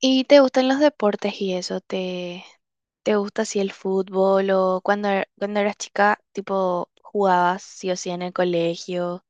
¿Y te gustan los deportes y eso? ¿Te gusta así el fútbol o cuando eras chica, tipo, ¿jugabas sí o sí en el colegio?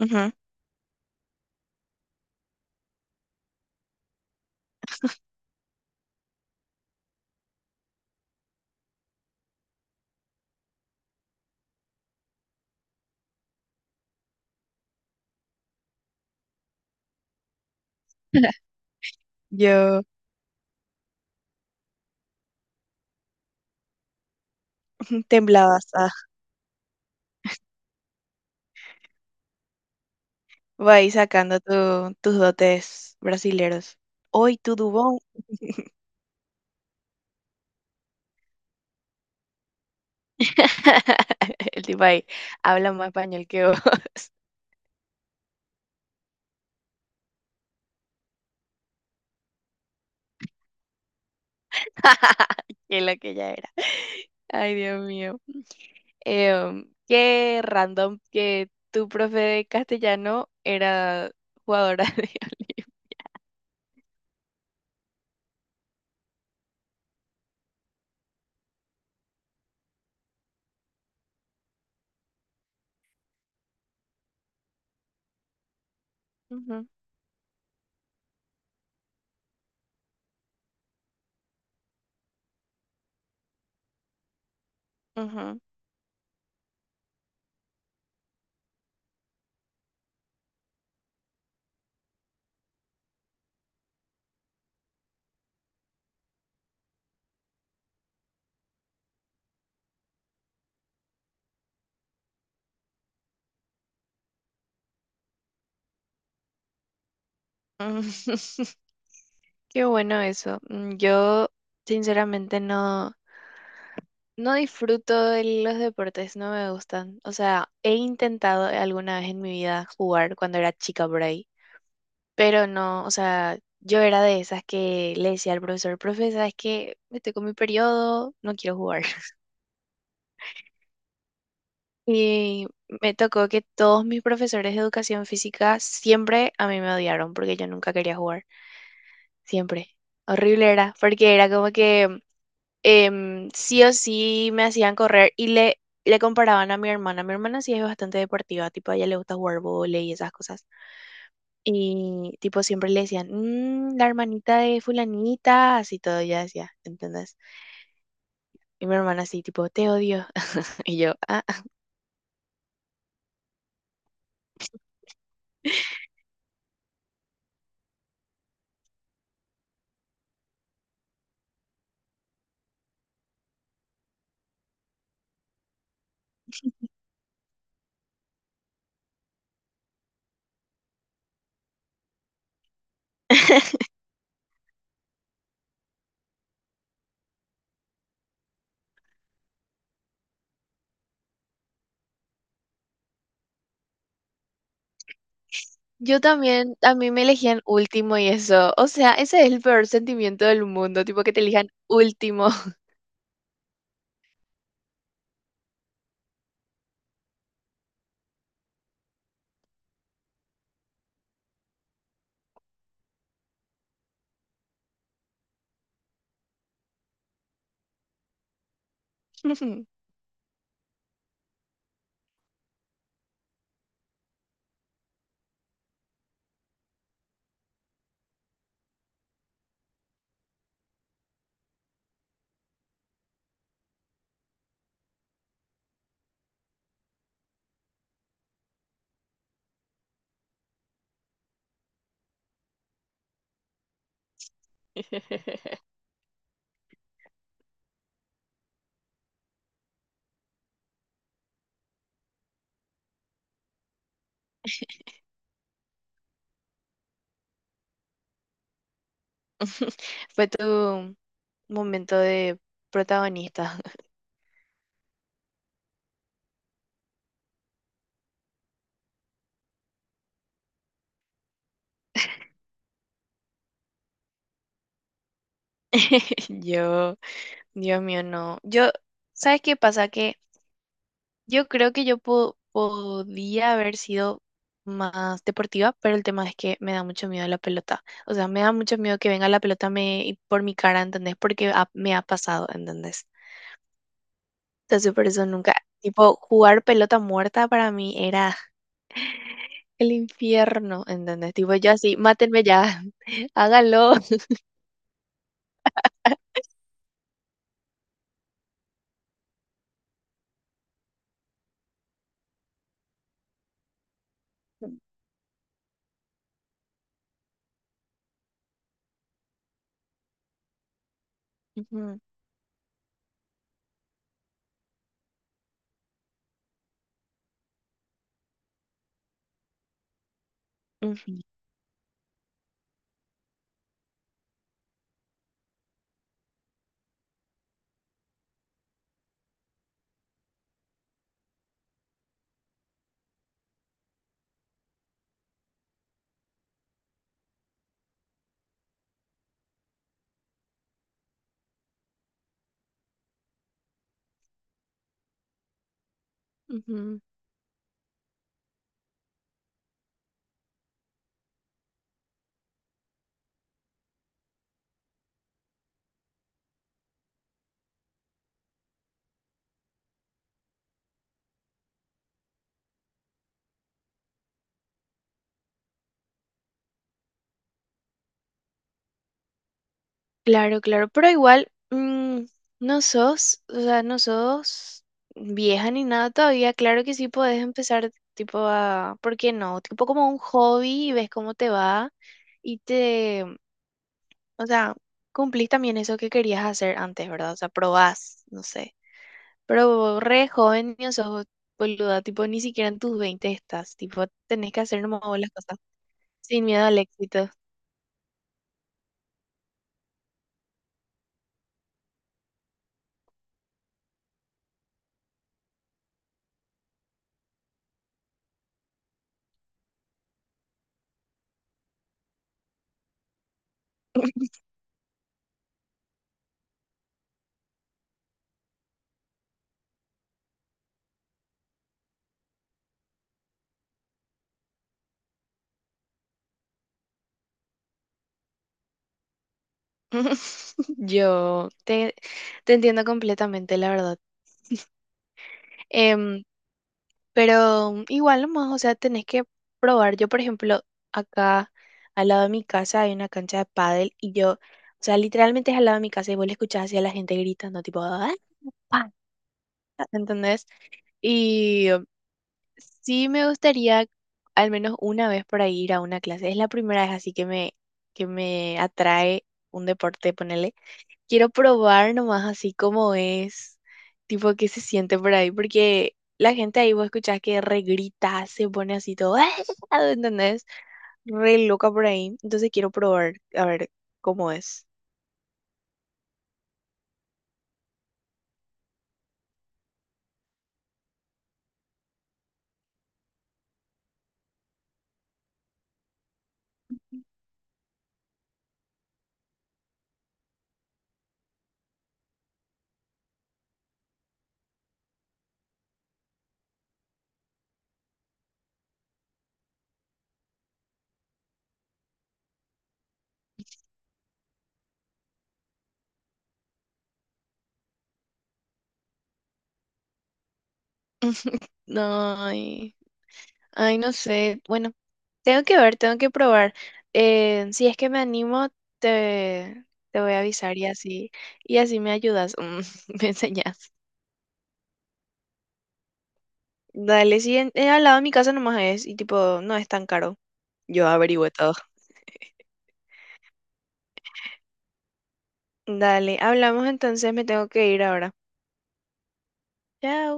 Ujú. Yo temblabas, ah, voy ahí sacando tus dotes brasileros. Hoy tu dubón. El tipo ahí habla más español que vos, que lo que ya era. Ay, Dios mío. Qué random que tu profe de castellano era jugadora de Olimpia. Ujú, ujú, ujú. Qué bueno eso. Yo sinceramente no. No disfruto de los deportes, no me gustan. O sea, he intentado alguna vez en mi vida jugar cuando era chica por ahí, pero no, o sea, yo era de esas que le decía al profesor: profe, ¿sabes qué? Me tocó mi periodo, no quiero jugar. Y me tocó que todos mis profesores de educación física siempre a mí me odiaron porque yo nunca quería jugar, siempre. Horrible era, porque era como que sí o sí me hacían correr y le comparaban a mi hermana. Mi hermana sí es bastante deportiva, tipo a ella le gusta jugar vóley y esas cosas. Y tipo siempre le decían: "Mm, la hermanita de fulanita", así todo, ella decía, ¿entendés? Y mi hermana así, tipo, te odio. Y yo, ah, ah. Yo también, a mí me elegían último y eso. O sea, ese es el peor sentimiento del mundo, tipo que te elijan último. Fue tu momento de protagonista. Yo Dios mío, no. Yo, ¿sabes qué pasa? Que yo creo que yo podía haber sido más deportiva, pero el tema es que me da mucho miedo la pelota. O sea, me da mucho miedo que venga la pelota me, y por mi cara, ¿entendés? Porque me ha pasado, ¿entendés? Entonces, por eso nunca, tipo, jugar pelota muerta para mí era el infierno, ¿entendés? Tipo, yo así, mátenme ya, hágalo. Ujú, ujú, ujú. Claro, claro, pero igual, no sos, o sea, no sos vieja ni nada todavía. Claro que sí podés empezar tipo a, ¿por qué no? Tipo como un hobby y ves cómo te va y te, o sea, cumplís también eso que querías hacer antes, ¿verdad? O sea, probás, no sé. Pero re joven ni sos, boluda, tipo ni siquiera en tus 20 estás, tipo tenés que hacer nomás vos las cosas sin miedo al éxito. Yo te entiendo completamente, la verdad. Em, pero igual nomás, o sea, tenés que probar. Yo, por ejemplo, acá al lado de mi casa hay una cancha de pádel y yo, o sea, literalmente es al lado de mi casa y vos le escuchás así a la gente gritando, tipo, ¡ah, pa"!, ¿entendés? Y sí me gustaría al menos una vez por ahí ir a una clase. Es la primera vez así que que me atrae un deporte, ponele. Quiero probar nomás así como es, tipo qué se siente por ahí, porque la gente ahí vos escuchás que regrita, se pone así todo, ¿entendés? Re loca por ahí. Entonces quiero probar a ver cómo es. No, ay, ay, no sé. Bueno, tengo que ver, tengo que probar. Si es que me animo, te, te voy a avisar, y así me ayudas, me enseñas. Dale, sí, al lado de mi casa nomás es, y tipo, no es tan caro. Yo averigüé todo. Dale, hablamos entonces, me tengo que ir ahora. Chao.